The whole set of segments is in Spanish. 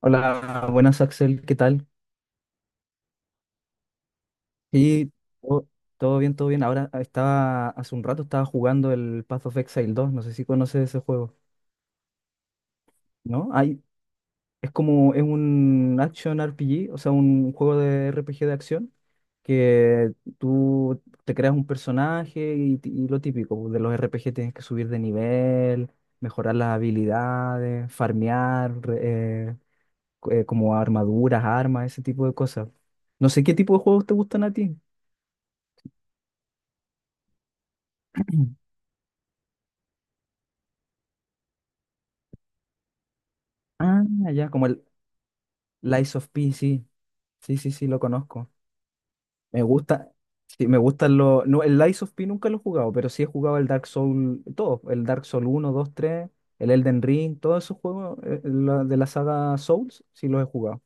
Hola, buenas Axel, ¿qué tal? Y todo, todo bien, todo bien. Hace un rato estaba jugando el Path of Exile dos. No sé si conoces ese juego, ¿no? Es como, es un action RPG, o sea, un juego de RPG de acción, que tú te creas un personaje y, y lo típico, pues, de los RPG tienes que subir de nivel, mejorar las habilidades, farmear, como armaduras, armas, ese tipo de cosas. No sé qué tipo de juegos te gustan a ti. Ah, ya, como el Lies of P, sí. Sí, sí, sí, lo conozco. Me gusta. Sí, me gustan los. No, el Lies of P nunca lo he jugado, pero sí he jugado el Dark Soul, todo. El Dark Soul uno, 2, 3, el Elden Ring, todos esos juegos de la saga Souls, sí los he jugado.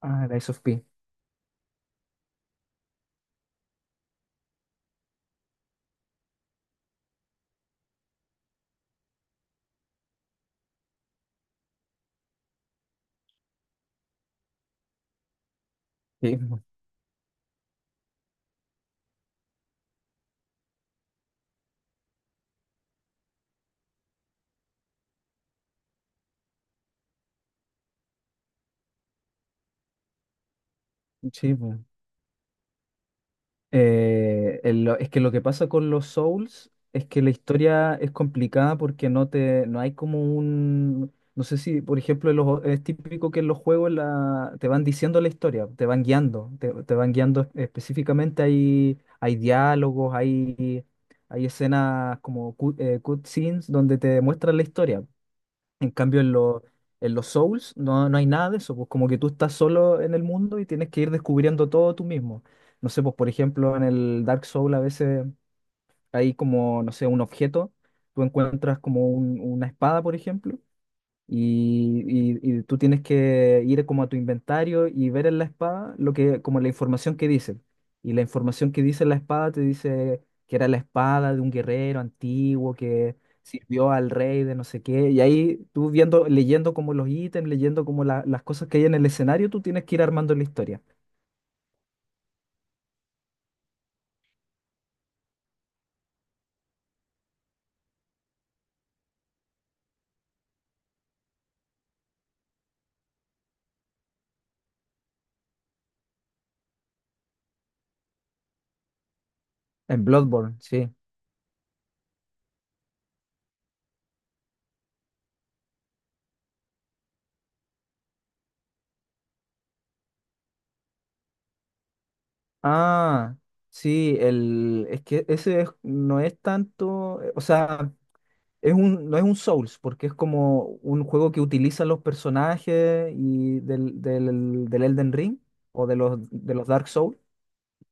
Ah, Lies of P. Sí, po, sí, pues. Es que lo que pasa con los Souls es que la historia es complicada porque no hay como un, no sé si, por ejemplo, es típico que en los juegos te van diciendo la historia, te van guiando, te van guiando específicamente, hay diálogos, hay escenas como cutscenes donde te muestran la historia. En cambio, en, lo- en los Souls no, no hay nada de eso, pues como que tú estás solo en el mundo y tienes que ir descubriendo todo tú mismo. No sé, pues por ejemplo, en el Dark Soul a veces hay como, no sé, un objeto, tú encuentras como una espada, por ejemplo, y, y tú tienes que ir como a tu inventario y ver en la espada como la información que dice. Y la información que dice la espada te dice que era la espada de un guerrero antiguo que sirvió al rey de no sé qué. Y ahí tú viendo, leyendo como los ítems, leyendo como las cosas que hay en el escenario, tú tienes que ir armando la historia. En Bloodborne, sí. Ah, sí, es que ese no es tanto, o sea... Es un, no es un Souls, porque es como un juego que utiliza los personajes y del Elden Ring o de los Dark Souls.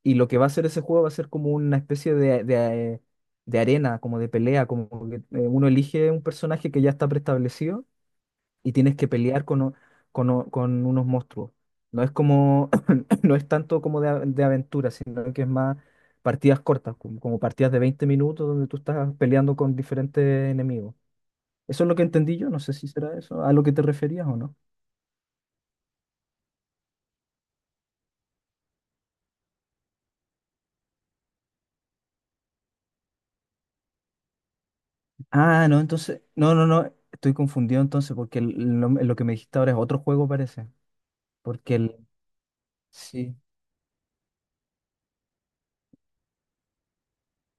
Y lo que va a hacer ese juego va a ser como una especie de arena, como de pelea, como que uno elige un personaje que ya está preestablecido y tienes que pelear con unos monstruos. No es como, no es tanto como de, de aventura, sino que es más partidas cortas, como, como partidas de 20 minutos donde tú estás peleando con diferentes enemigos. Eso es lo que entendí yo, no sé si será eso, a lo que te referías o no. Ah, no, entonces, no, no, no, estoy confundido entonces porque lo que me dijiste ahora es otro juego parece, porque el, sí,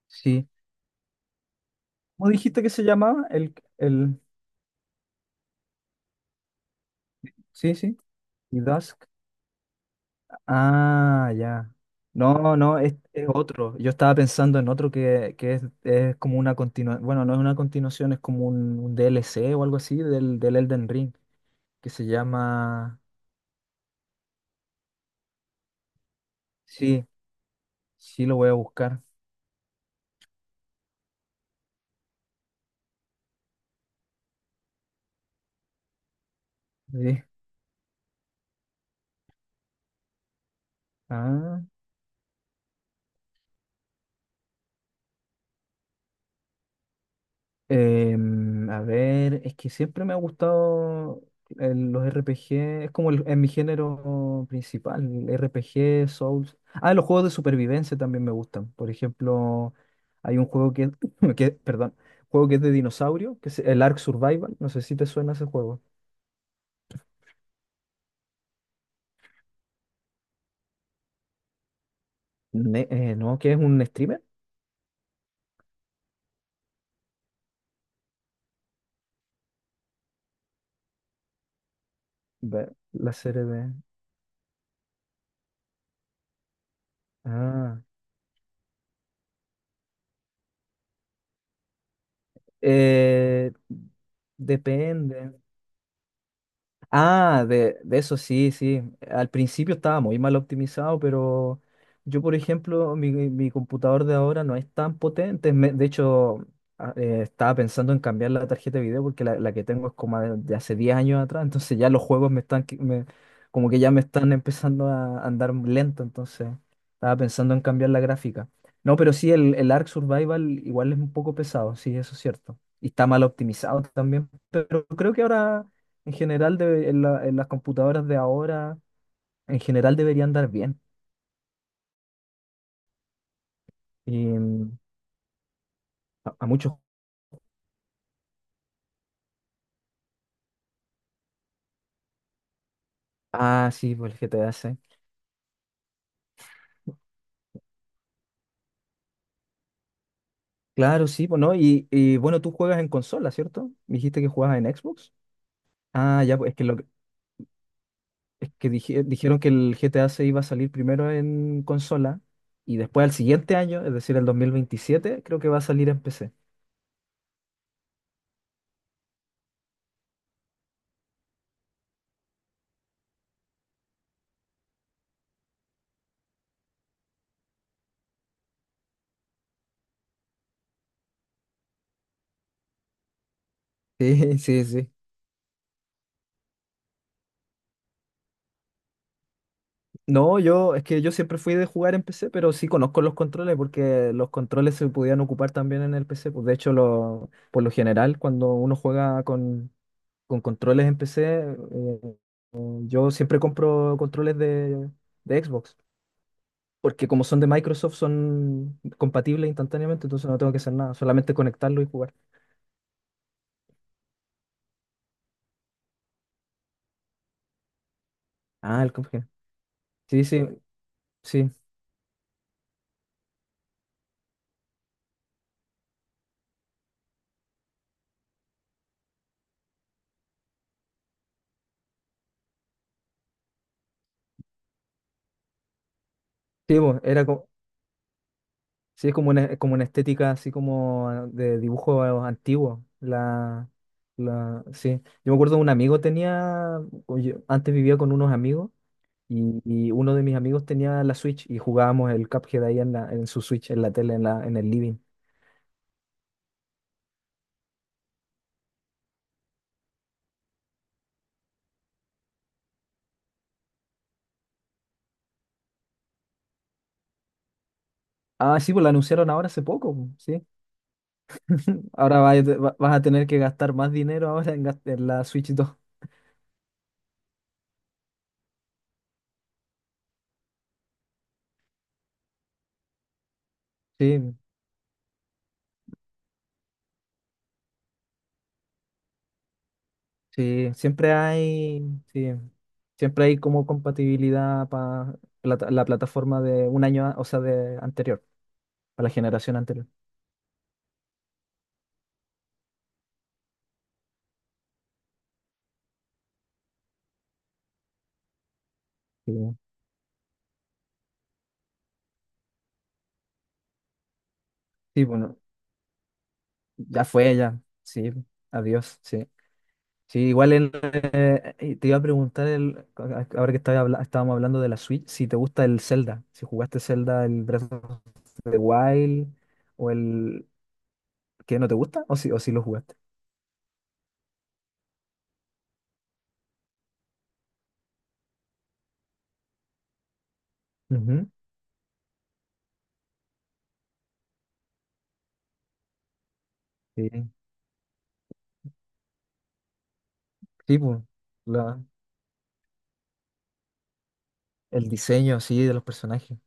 sí. ¿Cómo dijiste que se llamaba? El, sí, sí, y Dusk. Ah, ya. No, no, es otro. Yo estaba pensando en otro que es como una continuación, bueno, no es una continuación, es como un DLC o algo así del Elden Ring, que se llama, sí, sí lo voy a buscar. Sí. Ah, a ver, es que siempre me ha gustado los RPG, es como es mi género principal, el RPG, Souls. Ah, los juegos de supervivencia también me gustan. Por ejemplo, hay un perdón, juego que es de dinosaurio, que es el Ark Survival, no sé si te suena ese juego. No, que es un streamer. Ve, la serie de... Ah, eh, depende. Ah, de eso sí, sí. Al principio estaba muy mal optimizado, pero yo, por ejemplo, mi computador de ahora no es tan potente. De hecho, estaba pensando en cambiar la tarjeta de video porque la que tengo es como de hace 10 años atrás. Entonces ya los juegos me están, como que ya me están empezando a andar lento. Entonces estaba pensando en cambiar la gráfica. No, pero sí, el Ark Survival igual es un poco pesado, sí, eso es cierto. Y está mal optimizado también, pero creo que ahora... En general, en las computadoras de ahora, en general deberían andar bien. Y a muchos. Ah, sí, pues el GTA 6. Claro, sí, pues no. Y, bueno, tú juegas en consola, ¿cierto? Me dijiste que jugabas en Xbox. Ah, ya, pues es que dijeron que el GTA 6 iba a salir primero en consola y después al siguiente año, es decir, el 2027, creo que va a salir en PC. Sí, sí, sí. No, yo, es que yo siempre fui de jugar en PC, pero sí conozco los controles porque los controles se podían ocupar también en el PC. Pues de hecho, lo, por lo general, cuando uno juega con controles en PC, eh, yo siempre compro controles de Xbox, porque como son de Microsoft, son compatibles instantáneamente, entonces no tengo que hacer nada, solamente conectarlo y jugar. Ah, el Cuphead. Sí, sí, sí. Sí, pues, sí, es como una estética así como de dibujo antiguo. Sí. Yo me acuerdo un amigo tenía, oye, antes vivía con unos amigos y uno de mis amigos tenía la Switch y jugábamos el Cuphead ahí en su Switch, en la tele, en el living. Ah, sí, pues lo anunciaron ahora hace poco, po, sí. Ahora vas a tener que gastar más dinero ahora en la Switch dos. Sí, Sí, sí, siempre hay como compatibilidad para la plataforma de un año, o sea, de anterior, para la generación anterior. Sí, sí, bueno, ya fue, ya, sí, adiós, sí. Sí, igual te iba a preguntar, ahora que estábamos hablando de la Switch, si te gusta el Zelda, si jugaste Zelda, el Breath of the Wild, o el que no te gusta, o si lo jugaste. Ujú. Sí, sí, pues, la- el diseño así de los personajes.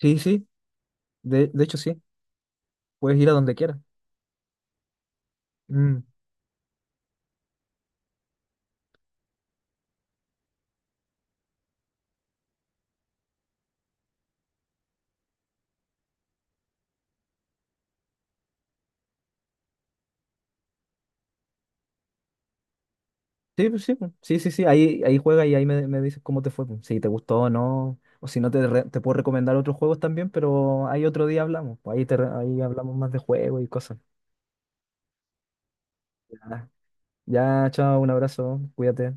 Sí, sí, de hecho, sí, puedes ir a donde quieras. Mm. Sí, pues, sí, pues, sí, sí, sí, ahí, ahí juega y ahí me, me dices cómo te fue, pues, si te gustó o no, o si no te, te puedo recomendar otros juegos también, pero ahí otro día hablamos, pues, ahí, ahí hablamos más de juegos y cosas. Ya, ya, chao, un abrazo, cuídate.